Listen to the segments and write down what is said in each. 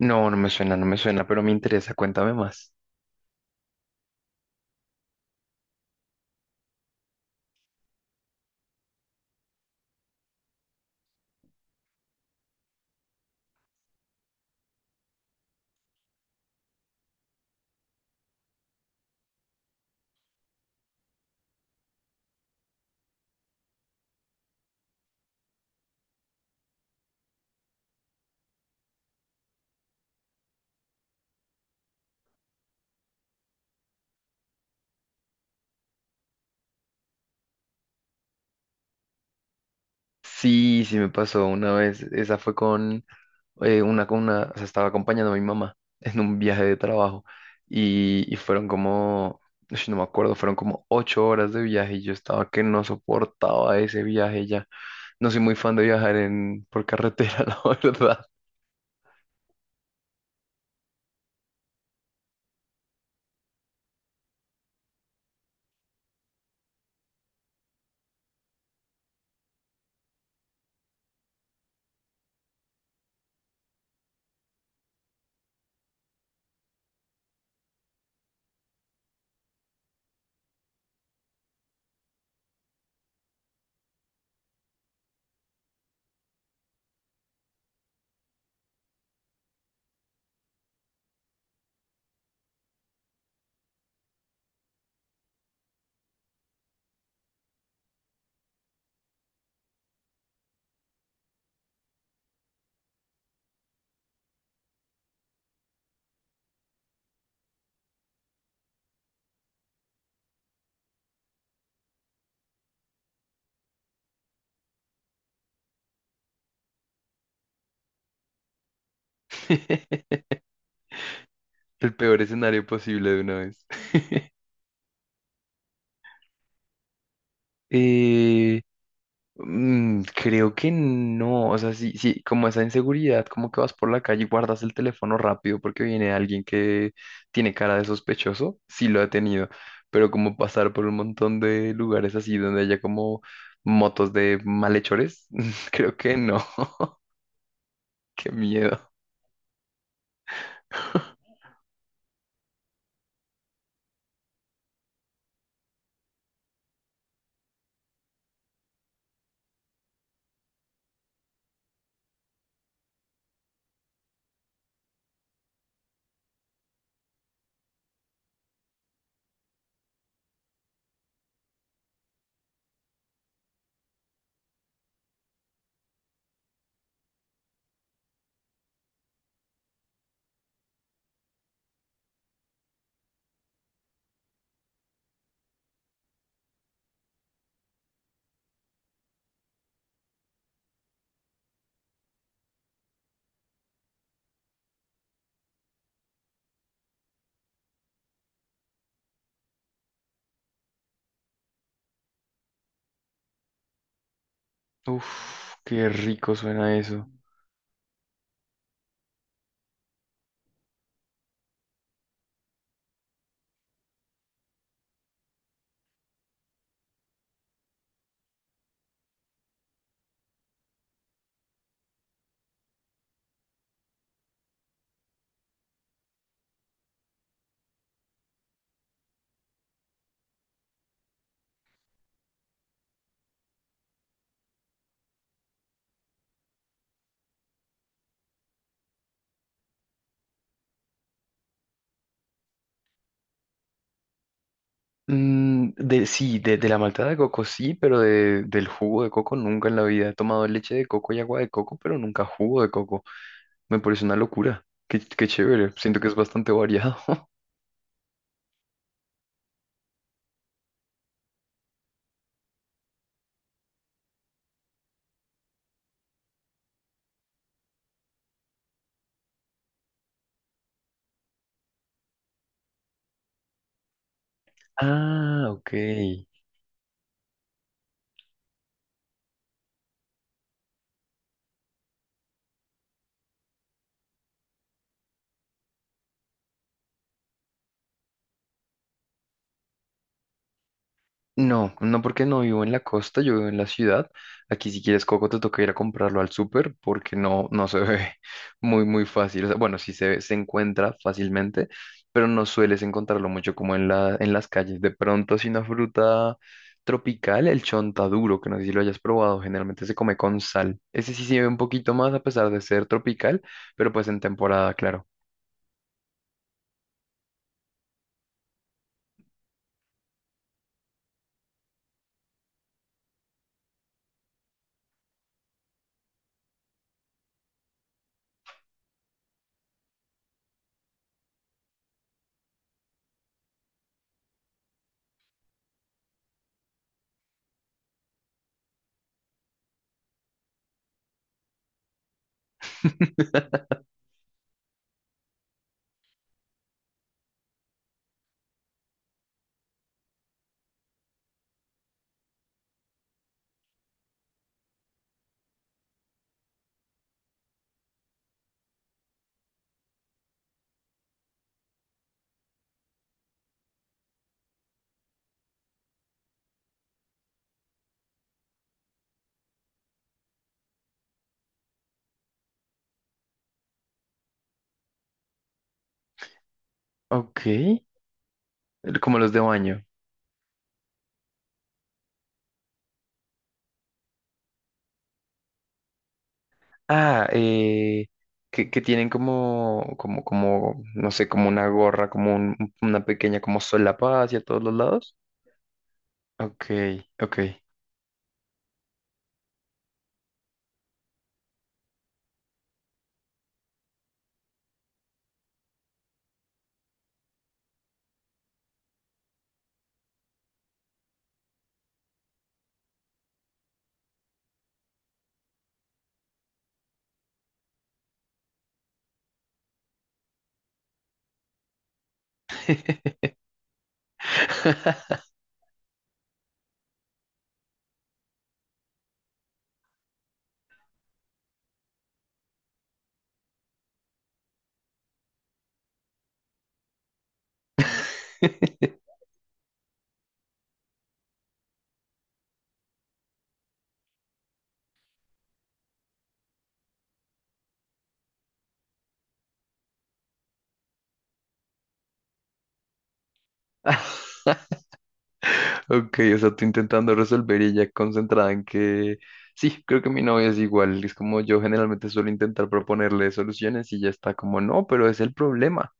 No, no me suena, no me suena, pero me interesa, cuéntame más. Sí, sí me pasó una vez, esa fue con con una, o sea, estaba acompañando a mi mamá en un viaje de trabajo y ush, no me acuerdo, fueron como 8 horas de viaje y yo estaba que no soportaba ese viaje ya. No soy muy fan de viajar por carretera, la verdad. El peor escenario posible de una vez. Eh, creo que no, o sea, sí, sí, como esa inseguridad, como que vas por la calle y guardas el teléfono rápido porque viene alguien que tiene cara de sospechoso, sí lo he tenido, pero como pasar por un montón de lugares así donde haya como motos de malhechores, creo que no, qué miedo. Uf, qué rico suena eso. Sí, de la malta de coco sí, pero del jugo de coco nunca en la vida. He tomado leche de coco y agua de coco, pero nunca jugo de coco. Me parece una locura. Qué chévere. Siento que es bastante variado. Ah, ok. No, no porque no vivo en la costa, yo vivo en la ciudad. Aquí si quieres coco te toca ir a comprarlo al súper porque no, no se ve muy, muy fácil. O sea, bueno, sí se encuentra fácilmente, pero no sueles encontrarlo mucho como en las calles. De pronto, si una fruta tropical, el chontaduro, que no sé si lo hayas probado, generalmente se come con sal. Ese sí se ve un poquito más a pesar de ser tropical, pero pues en temporada, claro. Ok, como los de baño. Ah, que tienen como, no sé, como una gorra, como una pequeña como solapa hacia todos los lados. Ok, ok. Ok, o sea, tú intentando resolver y ella concentrada en que sí, creo que mi novia es igual. Es como yo generalmente suelo intentar proponerle soluciones y ya está como, no, pero es el problema.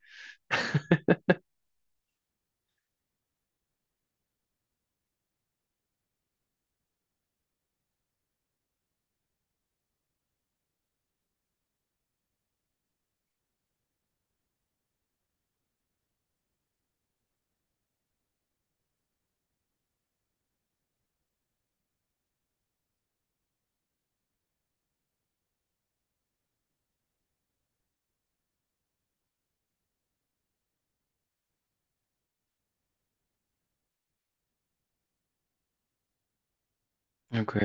Ok.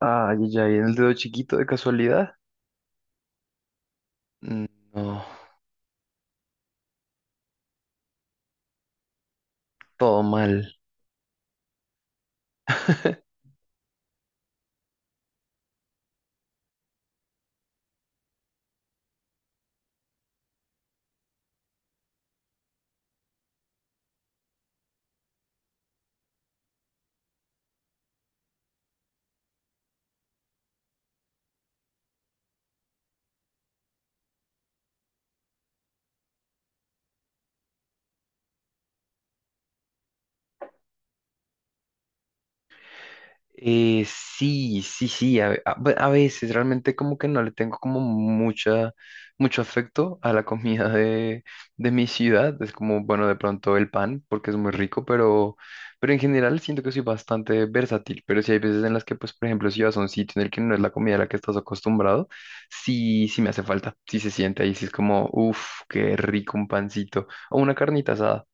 Ay, ya, ¿y en el dedo chiquito de casualidad? Mm, no, todo mal. Sí, sí, sí, a, ve- a- bu- a veces realmente como que no le tengo como mucho afecto a la comida de mi ciudad. Es como, bueno, de pronto el pan, porque es muy rico, pero en general siento que soy bastante versátil. Pero sí hay veces en las que, pues, por ejemplo, si vas a un sitio en el que no es la comida a la que estás acostumbrado, sí, sí me hace falta, sí se siente ahí, sí es como, uff, qué rico un pancito o una carnita asada.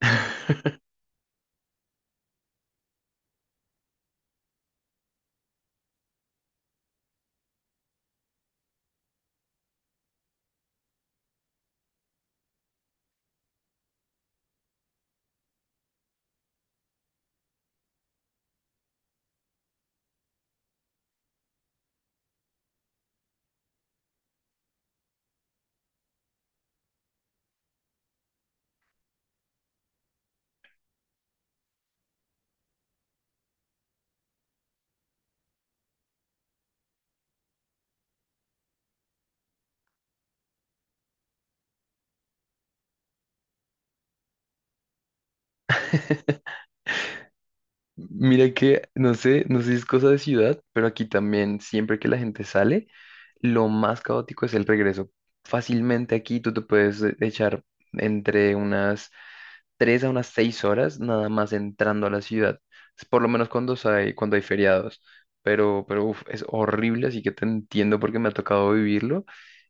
Mira que, no sé, no sé si es cosa de ciudad, pero aquí también siempre que la gente sale, lo más caótico es el regreso. Fácilmente aquí tú te puedes echar entre unas 3 a unas 6 horas nada más entrando a la ciudad. Es por lo menos cuando hay feriados. Pero uf, es horrible, así que te entiendo porque me ha tocado vivirlo.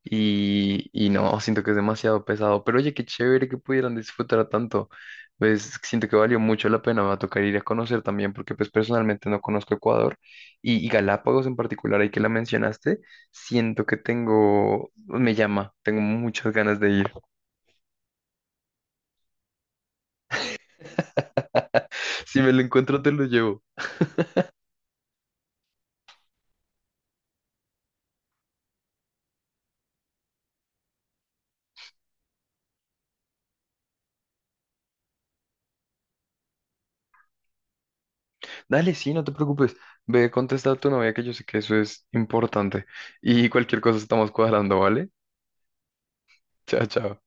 Y no, siento que es demasiado pesado. Pero oye, qué chévere que pudieran disfrutar tanto. Pues siento que valió mucho la pena. Me va a tocar ir a conocer también porque pues personalmente no conozco Ecuador. Y Galápagos en particular, ahí que la mencionaste, siento que tengo, me llama, tengo muchas ganas de ir. Si me lo encuentro, te lo llevo. Dale, sí, no te preocupes. Ve, contesta a tu novia que yo sé que eso es importante. Y cualquier cosa estamos cuadrando, ¿vale? Chao, chao.